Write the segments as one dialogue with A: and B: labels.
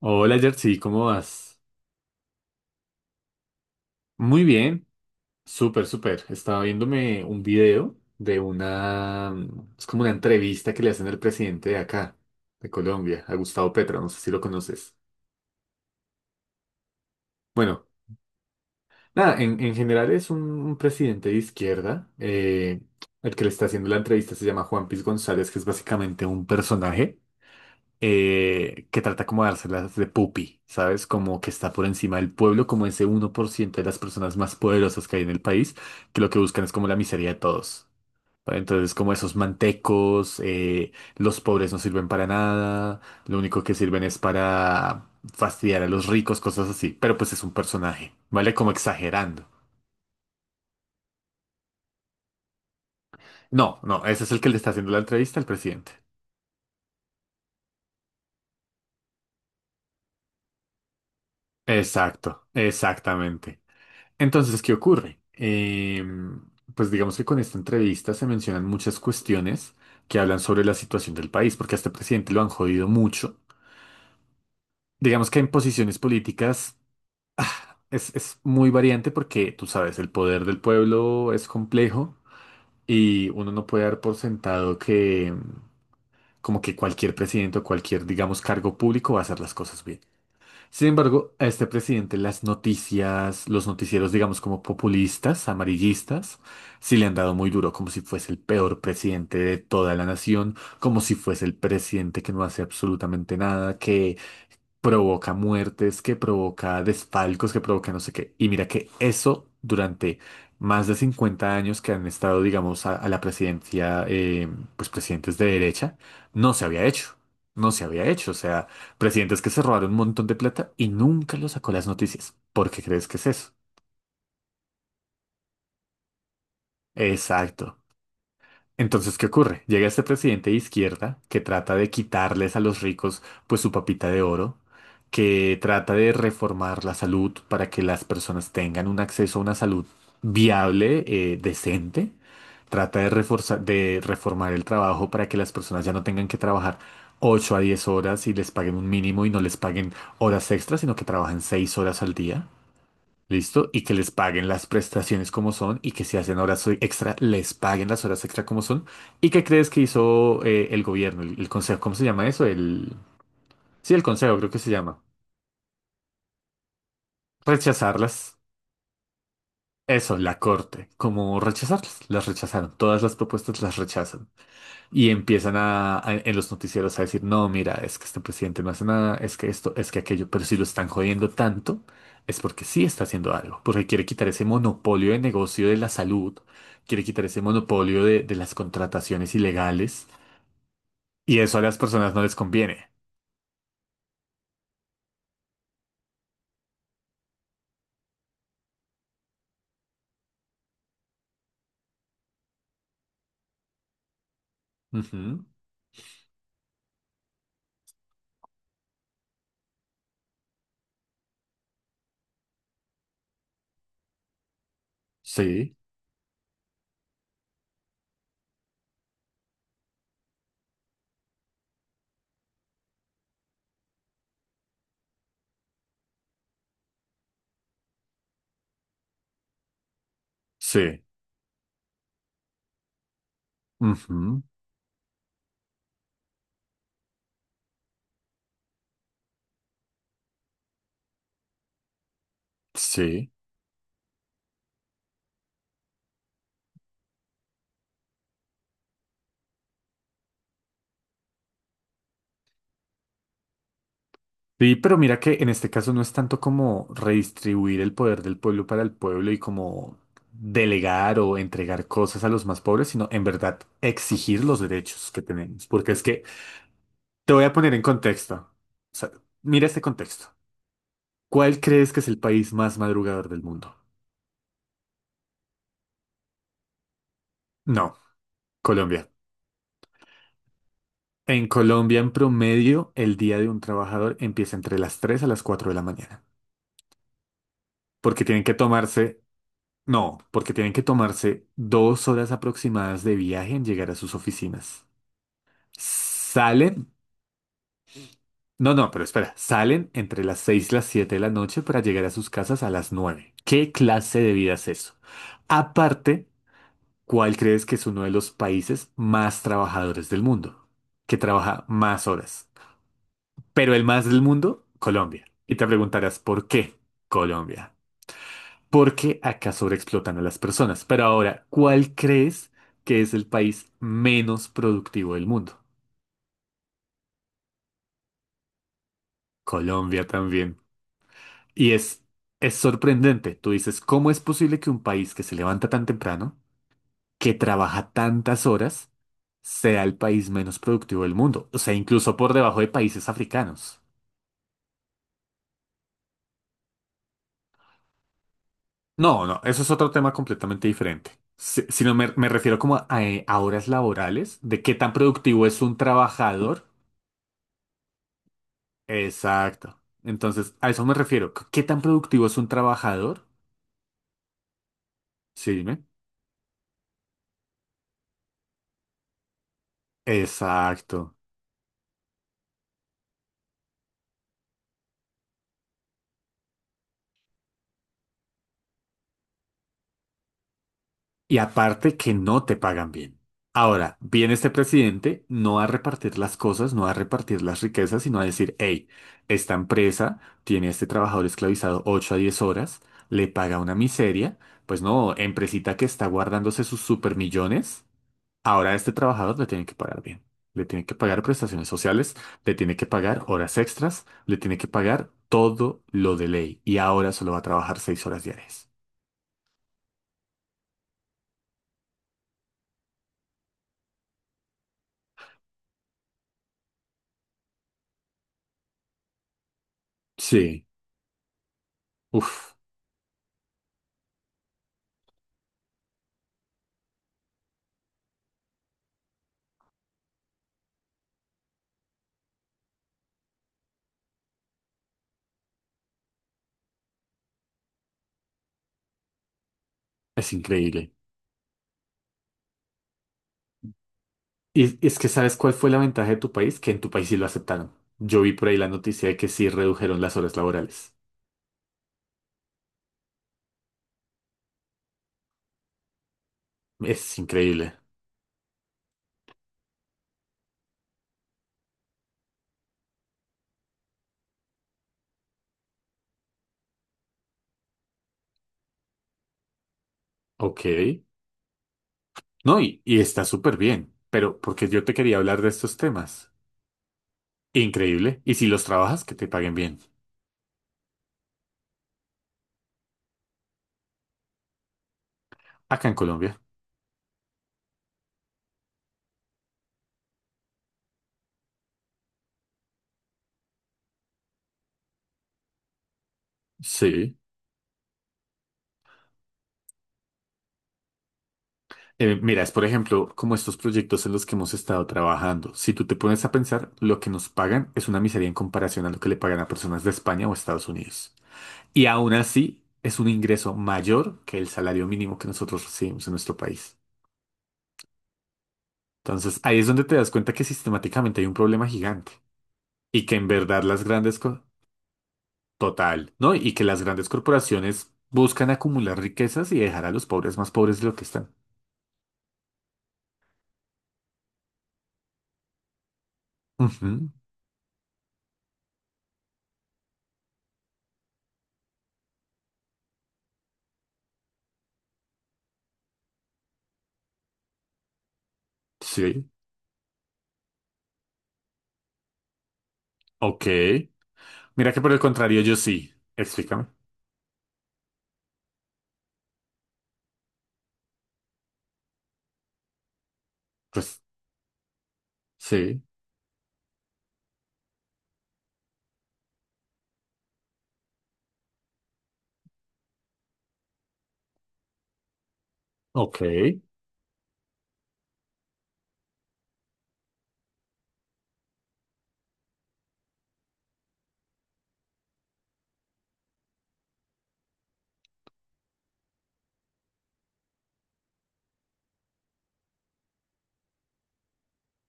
A: Hola Jersey, ¿cómo vas? Muy bien, súper, súper. Estaba viéndome un video de es como una entrevista que le hacen al presidente de acá, de Colombia, a Gustavo Petro, no sé si lo conoces. Bueno, nada, en general es un presidente de izquierda. El que le está haciendo la entrevista se llama Juan Piz González, que es básicamente un personaje. Que trata como de dárselas de pupi, ¿sabes? Como que está por encima del pueblo, como ese 1% de las personas más poderosas que hay en el país, que lo que buscan es como la miseria de todos. ¿Vale? Entonces, como esos mantecos, los pobres no sirven para nada, lo único que sirven es para fastidiar a los ricos, cosas así. Pero pues es un personaje, ¿vale? Como exagerando. No, no, ese es el que le está haciendo la entrevista al presidente. Exacto, exactamente. Entonces, ¿qué ocurre? Pues digamos que con esta entrevista se mencionan muchas cuestiones que hablan sobre la situación del país, porque a este presidente lo han jodido mucho. Digamos que en posiciones políticas es muy variante porque, tú sabes, el poder del pueblo es complejo y uno no puede dar por sentado que como que cualquier presidente o cualquier, digamos, cargo público va a hacer las cosas bien. Sin embargo, a este presidente las noticias, los noticieros, digamos, como populistas, amarillistas, sí le han dado muy duro, como si fuese el peor presidente de toda la nación, como si fuese el presidente que no hace absolutamente nada, que provoca muertes, que provoca desfalcos, que provoca no sé qué. Y mira que eso durante más de 50 años que han estado, digamos, a la presidencia, pues presidentes de derecha, no se había hecho. No se había hecho. O sea, presidentes que se robaron un montón de plata y nunca lo sacó las noticias. ¿Por qué crees que es eso? Exacto. Entonces, ¿qué ocurre? Llega este presidente de izquierda que trata de quitarles a los ricos pues su papita de oro, que trata de reformar la salud para que las personas tengan un acceso a una salud viable, decente, trata de reforzar, de reformar el trabajo para que las personas ya no tengan que trabajar 8 a 10 horas y les paguen un mínimo y no les paguen horas extras, sino que trabajen 6 horas al día. ¿Listo? Y que les paguen las prestaciones como son y que si hacen horas extra, les paguen las horas extra como son. ¿Y qué crees que hizo el gobierno, el consejo? ¿Cómo se llama eso? El. Sí, el consejo creo que se llama. Rechazarlas. Eso, la corte. ¿Cómo rechazarlas? Las rechazaron. Todas las propuestas las rechazan. Y empiezan en los noticieros a decir, no, mira, es que este presidente no hace nada, es que esto, es que aquello, pero si lo están jodiendo tanto, es porque sí está haciendo algo, porque quiere quitar ese monopolio de negocio de la salud, quiere quitar ese monopolio de las contrataciones ilegales, y eso a las personas no les conviene. Ujú, sí, sí, ujú, sí. Sí, pero mira que en este caso no es tanto como redistribuir el poder del pueblo para el pueblo y como delegar o entregar cosas a los más pobres, sino en verdad exigir los derechos que tenemos. Porque es que te voy a poner en contexto. O sea, mira este contexto. ¿Cuál crees que es el país más madrugador del mundo? No, Colombia. En Colombia, en promedio, el día de un trabajador empieza entre las 3 a las 4 de la mañana, porque tienen que tomarse. No, porque tienen que tomarse 2 horas aproximadas de viaje en llegar a sus oficinas. Salen, no, no, pero espera, salen entre las 6 y las 7 de la noche para llegar a sus casas a las 9. ¿Qué clase de vida es eso? Aparte, ¿cuál crees que es uno de los países más trabajadores del mundo? Que trabaja más horas. Pero el más del mundo, Colombia. Y te preguntarás, ¿por qué Colombia? Porque acá sobreexplotan a las personas. Pero ahora, ¿cuál crees que es el país menos productivo del mundo? Colombia también. Y es sorprendente. Tú dices, ¿cómo es posible que un país que se levanta tan temprano, que trabaja tantas horas, sea el país menos productivo del mundo? O sea, incluso por debajo de países africanos. No, no, eso es otro tema completamente diferente. Sino me refiero como a horas laborales, de qué tan productivo es un trabajador. Exacto. Entonces, a eso me refiero. ¿Qué tan productivo es un trabajador? Sí, dime. Exacto. Y aparte que no te pagan bien. Ahora, viene este presidente no a repartir las cosas, no a repartir las riquezas, sino a decir, hey, esta empresa tiene a este trabajador esclavizado 8 a 10 horas, le paga una miseria, pues no, empresita que está guardándose sus supermillones. Ahora a este trabajador le tienen que pagar bien. Le tienen que pagar prestaciones sociales, le tiene que pagar horas extras, le tiene que pagar todo lo de ley. Y ahora solo va a trabajar 6 horas diarias. Sí, uf, es increíble. Y es que ¿sabes cuál fue la ventaja de tu país? Que en tu país sí lo aceptaron. Yo vi por ahí la noticia de que sí redujeron las horas laborales. Es increíble. Ok. No, y está súper bien. Pero porque yo te quería hablar de estos temas. Increíble. Y si los trabajas, que te paguen bien. Acá en Colombia. Sí. Mira, es por ejemplo como estos proyectos en los que hemos estado trabajando. Si tú te pones a pensar, lo que nos pagan es una miseria en comparación a lo que le pagan a personas de España o Estados Unidos. Y aún así, es un ingreso mayor que el salario mínimo que nosotros recibimos en nuestro país. Entonces, ahí es donde te das cuenta que sistemáticamente hay un problema gigante. Y que en verdad las grandes... co- Total, ¿no? Y que las grandes corporaciones buscan acumular riquezas y dejar a los pobres más pobres de lo que están. Ujú, sí, ok. Mira que por el contrario, yo sí. Explícame. Pues sí, ok.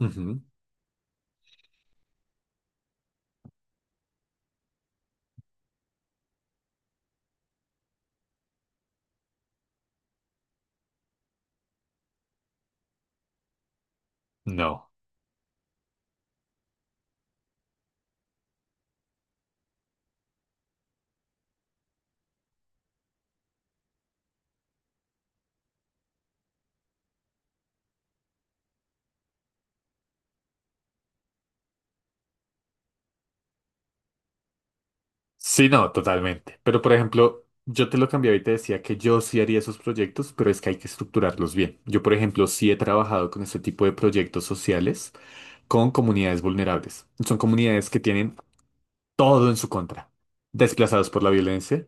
A: Ujú, no. Sí, no, totalmente. Pero por ejemplo, yo te lo cambiaba y te decía que yo sí haría esos proyectos, pero es que hay que estructurarlos bien. Yo, por ejemplo, sí he trabajado con este tipo de proyectos sociales con comunidades vulnerables. Son comunidades que tienen todo en su contra. Desplazados por la violencia.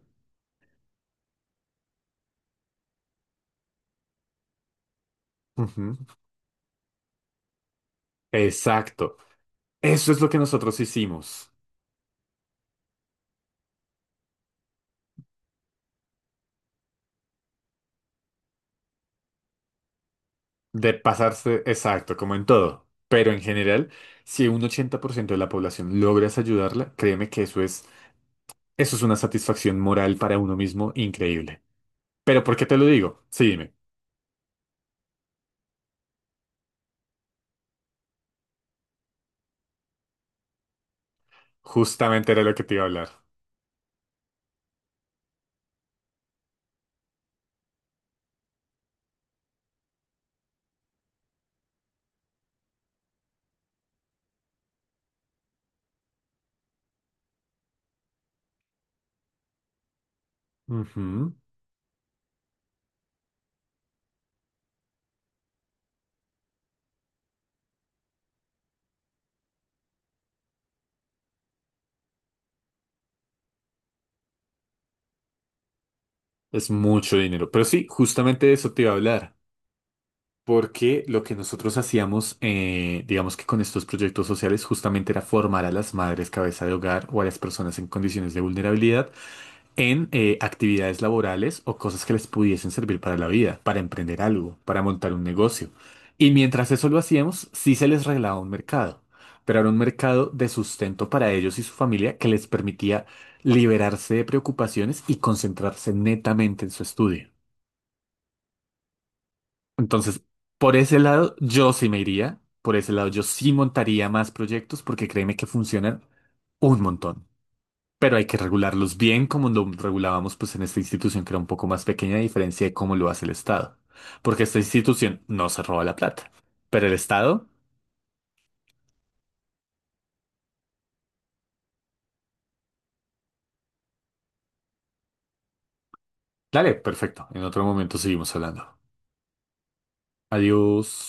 A: Ujú, exacto. Eso es lo que nosotros hicimos. De pasarse, exacto, como en todo. Pero en general, si un 80% de la población logras ayudarla, créeme que eso es, una satisfacción moral para uno mismo increíble. Pero ¿por qué te lo digo? Sí, dime. Justamente era lo que te iba a hablar. Ujú. Es mucho dinero. Pero sí, justamente de eso te iba a hablar. Porque lo que nosotros hacíamos, digamos que con estos proyectos sociales, justamente era formar a las madres cabeza de hogar o a las personas en condiciones de vulnerabilidad en actividades laborales o cosas que les pudiesen servir para la vida, para emprender algo, para montar un negocio. Y mientras eso lo hacíamos, sí se les regalaba un mercado, pero era un mercado de sustento para ellos y su familia que les permitía liberarse de preocupaciones y concentrarse netamente en su estudio. Entonces, por ese lado, yo sí me iría, por ese lado, yo sí montaría más proyectos porque créeme que funcionan un montón. Pero hay que regularlos bien como lo regulábamos pues en esta institución que era un poco más pequeña a diferencia de cómo lo hace el Estado. Porque esta institución no se roba la plata. Pero el Estado, dale, perfecto. En otro momento seguimos hablando. Adiós.